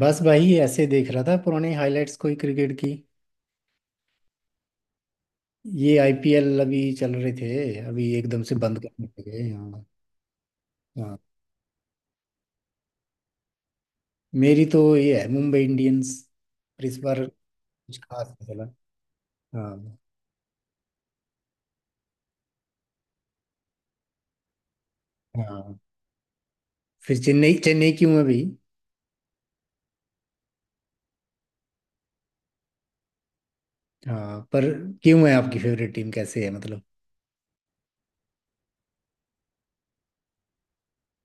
बस भाई ऐसे देख रहा था पुराने हाइलाइट्स कोई क्रिकेट की। ये आईपीएल अभी चल रहे थे। अभी एकदम से बंद करने लगे। हाँ। हाँ, मेरी तो ये है मुंबई इंडियंस। पर इस बार कुछ खास नहीं चला। हाँ। हाँ, फिर चेन्नई चेन्नई क्यों है भाई? हाँ, पर क्यों है आपकी फेवरेट टीम, कैसे है मतलब?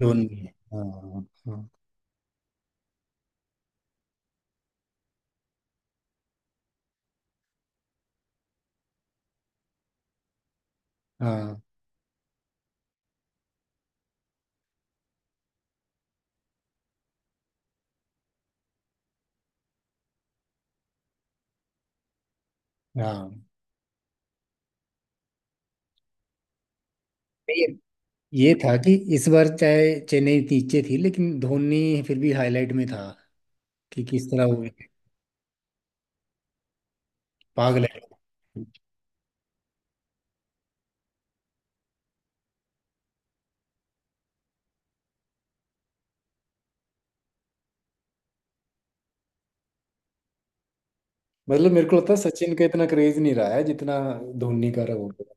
धोनी है, हाँ हाँ। हाँ। हाँ, ये ये था कि इस बार चाहे चेन्नई नीचे थी लेकिन धोनी फिर भी हाईलाइट में था, कि किस तरह वो पागल है। मतलब मेरे को लगता है सचिन का इतना क्रेज नहीं रहा है जितना धोनी का रहा होगा।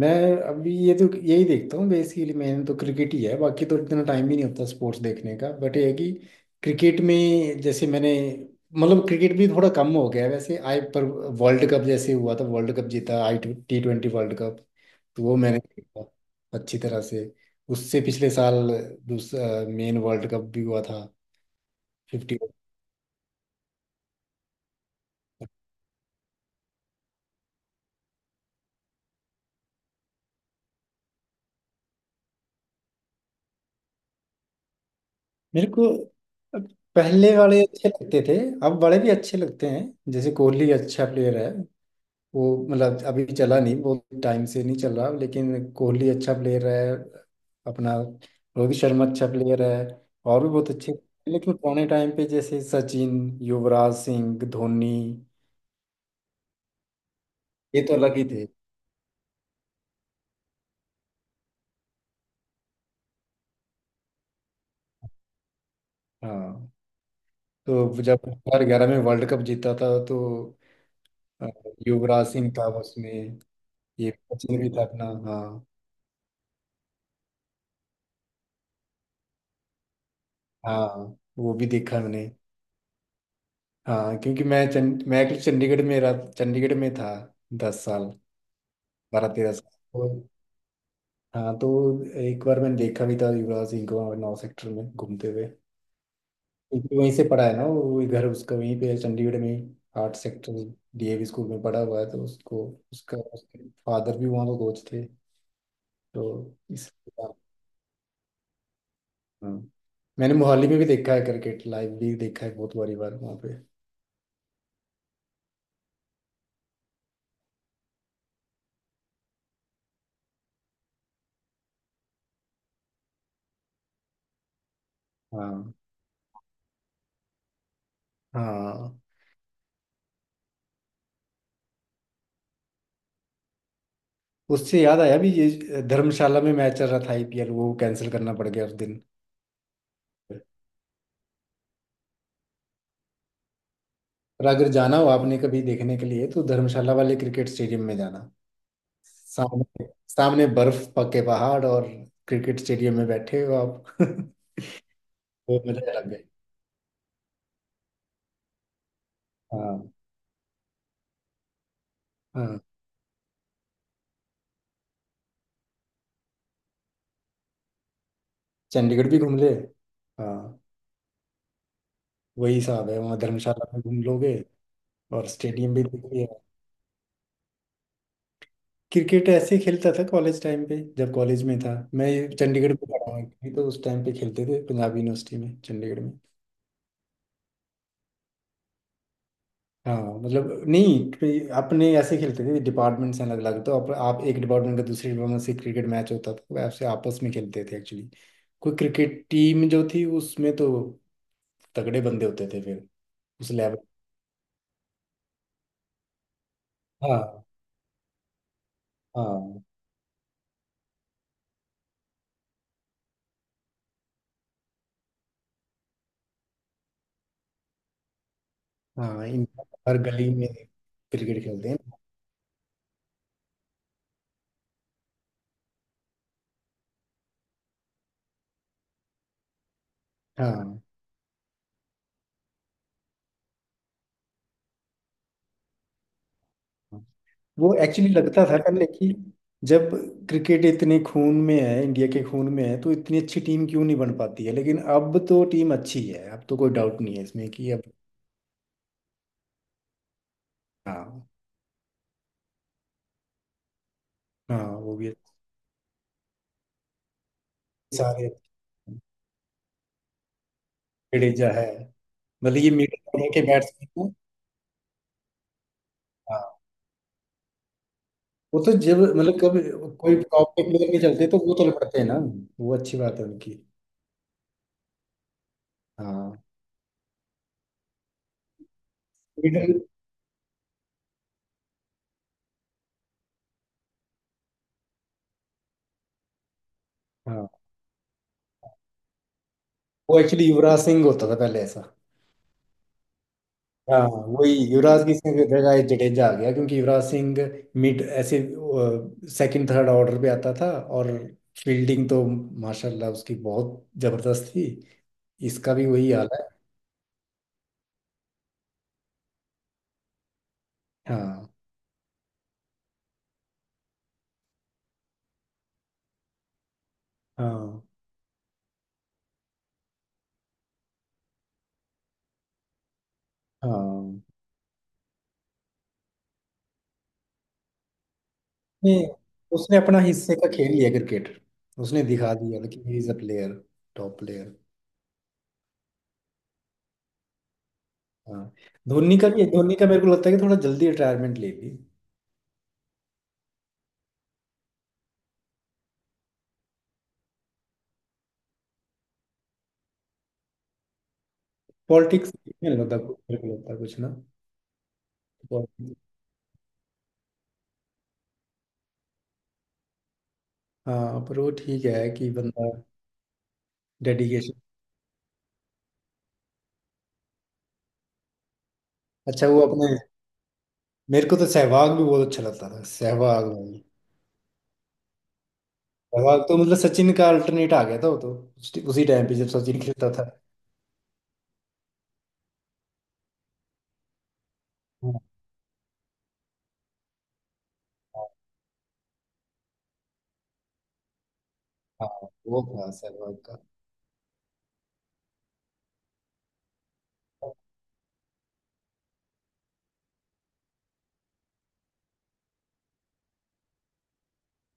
मैं अभी ये तो यही देखता हूँ बेसिकली, मैंने तो क्रिकेट ही है, बाकी तो इतना टाइम ही नहीं होता स्पोर्ट्स देखने का, बट ये है कि क्रिकेट में, जैसे मैंने मतलब क्रिकेट भी थोड़ा कम हो गया है वैसे आई, पर वर्ल्ड कप जैसे हुआ था, वर्ल्ड कप जीता आई, T20 वर्ल्ड कप। तो वो मैंने देखा अच्छी तरह से। उससे पिछले साल दूसरा मेन वर्ल्ड कप भी हुआ था, फिफ्टी। मेरे को पहले वाले अच्छे लगते थे। अब वाले भी अच्छे लगते हैं। जैसे कोहली अच्छा प्लेयर है, वो मतलब अभी चला नहीं, वो टाइम से नहीं चल रहा, लेकिन कोहली अच्छा प्लेयर है अपना। रोहित शर्मा अच्छा प्लेयर है। और भी बहुत अच्छे, लेकिन पुराने टाइम पे जैसे सचिन, युवराज सिंह, धोनी, ये तो अलग ही थे। हाँ, तो जब 2011 में वर्ल्ड कप जीता था तो अ, युवराज सिंह था उसमें। ये सचिन भी था अपना। हाँ। हाँ, वो भी देखा मैंने। हाँ, क्योंकि मैं एक्चुअली चंडीगढ़ में रहा, चंडीगढ़ में था 10 साल, बारह तेरह साल तो। हाँ, तो एक बार मैंने देखा भी था युवराज सिंह को वहाँ नौ सेक्टर में घूमते हुए, क्योंकि वहीं से पढ़ा है ना, वो घर उसका वहीं पे है चंडीगढ़ में ही, आर्ट सेक्टर। डीएवी स्कूल में पढ़ा हुआ है तो उसको, उसका उसके फादर भी वहाँ का कोच थे तो इस। हाँ, मैंने मोहाली में भी देखा है क्रिकेट, लाइव भी देखा है बहुत बारी बार वहाँ पे। हाँ। हाँ, उससे याद आया भी ये, धर्मशाला में मैच चल रहा था आईपीएल, वो कैंसिल करना पड़ गया उस दिन। पर अगर जाना हो आपने कभी देखने के लिए, तो धर्मशाला वाले क्रिकेट स्टेडियम में जाना। सामने सामने बर्फ पके पहाड़, और क्रिकेट स्टेडियम में बैठे हो आप वो मजा लग गए। हाँ। हाँ, चंडीगढ़ भी घूम ले। हाँ, वही हिसाब है, वहाँ धर्मशाला में घूम लोगे और स्टेडियम भी देख लिए। क्रिकेट ऐसे खेलता था कॉलेज टाइम पे, जब कॉलेज में था मैं। चंडीगढ़ में पढ़ा हूँ actually, तो उस टाइम पे खेलते थे पंजाब यूनिवर्सिटी में चंडीगढ़ में। हाँ मतलब नहीं पे- अपने ऐसे खेलते थे, डिपार्टमेंट्स हैं अलग अलग, तो आप एक डिपार्टमेंट का दूसरे डिपार्टमेंट से क्रिकेट मैच होता था, तो आपसे आपस में खेलते थे एक्चुअली। कोई क्रिकेट टीम जो थी उसमें तो तगड़े बंदे होते थे फिर। उस लेवल। हाँ। हाँ। हाँ, इन हर गली में क्रिकेट खेलते हैं। हाँ। हाँ। वो एक्चुअली लगता था पहले कि जब क्रिकेट इतने खून में है, इंडिया के खून में है, तो इतनी अच्छी टीम क्यों नहीं बन पाती है, लेकिन अब तो टीम अच्छी है। अब तो कोई डाउट नहीं है इसमें कि अब। हाँ। हाँ, वो भी अच्छे सारे। जडेजा है, मतलब ये मिड ऑर्डर के बैट्समैन हैं। हाँ, वो तो जब मतलब कभी कोई टॉप के प्लेयर नहीं चलते तो वो चल पड़ते हैं ना। वो अच्छी बात है उनकी। हाँ, मिडिल। हाँ, वो एक्चुअली युवराज सिंह होता था पहले ऐसा। हाँ वही, युवराज की इसमें भी जगह जडेजा आ गया, क्योंकि युवराज सिंह मिड ऐसे सेकंड थर्ड ऑर्डर पे आता था और फील्डिंग तो माशाल्लाह उसकी बहुत जबरदस्त थी। इसका भी वही हाल है। हाँ। हाँ। हाँ, नहीं, उसने अपना हिस्से का खेल लिया क्रिकेट। उसने दिखा दिया कि he is a player, top player. हाँ, धोनी का भी धोनी का मेरे को लगता है कि थोड़ा जल्दी रिटायरमेंट ले ली। पॉलिटिक्स में मेरे को लगता कुछ ना। पॉलिटिक्स। हाँ, पर वो ठीक है कि बंदा डेडिकेशन। अच्छा, वो अपने, मेरे को तो सहवाग भी बहुत अच्छा लगता था, सहवाग भाई। सहवाग तो मतलब सचिन का अल्टरनेट आ गया था वो तो, उसी टाइम पे जब सचिन खेलता था। हाँ। हाँ हाँ, वो था सहवाग का।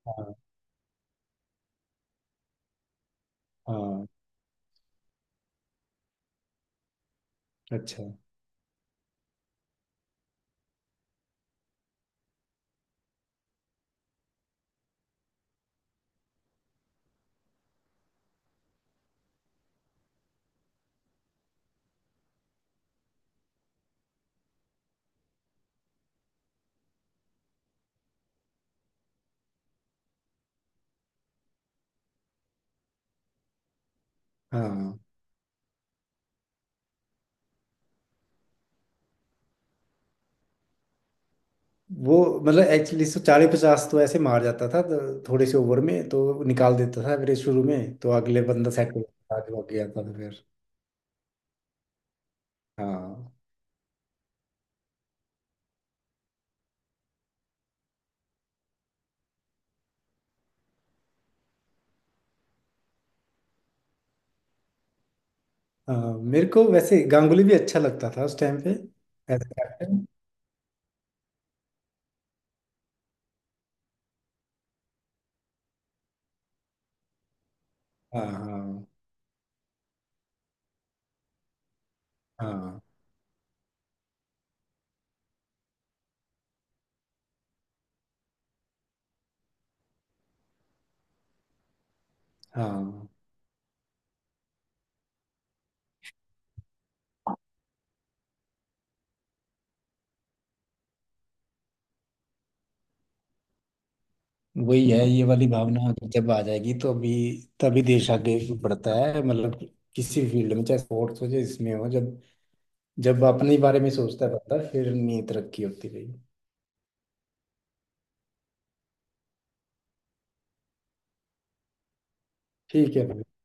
हाँ। हाँ, अच्छा। हाँ, वो मतलब एक्चुअली सौ चालीस पचास तो ऐसे मार जाता था, तो थोड़े से ओवर में तो निकाल देता था, फिर शुरू में तो अगले बंदा सेट हो जाता था, जो आगे आता था फिर। हाँ। हाँ, मेरे को वैसे गांगुली भी अच्छा लगता था उस टाइम पे। As captain. हाँ हाँ। हाँ। हाँ, वही है ये वाली भावना, जब आ जाएगी, तो अभी तभी देश आगे बढ़ता है मतलब, किसी फील्ड में चाहे स्पोर्ट्स हो चाहे इसमें हो, जब जब अपने ही बारे में सोचता रहता है फिर नहीं तरक्की होती रही। ठीक है।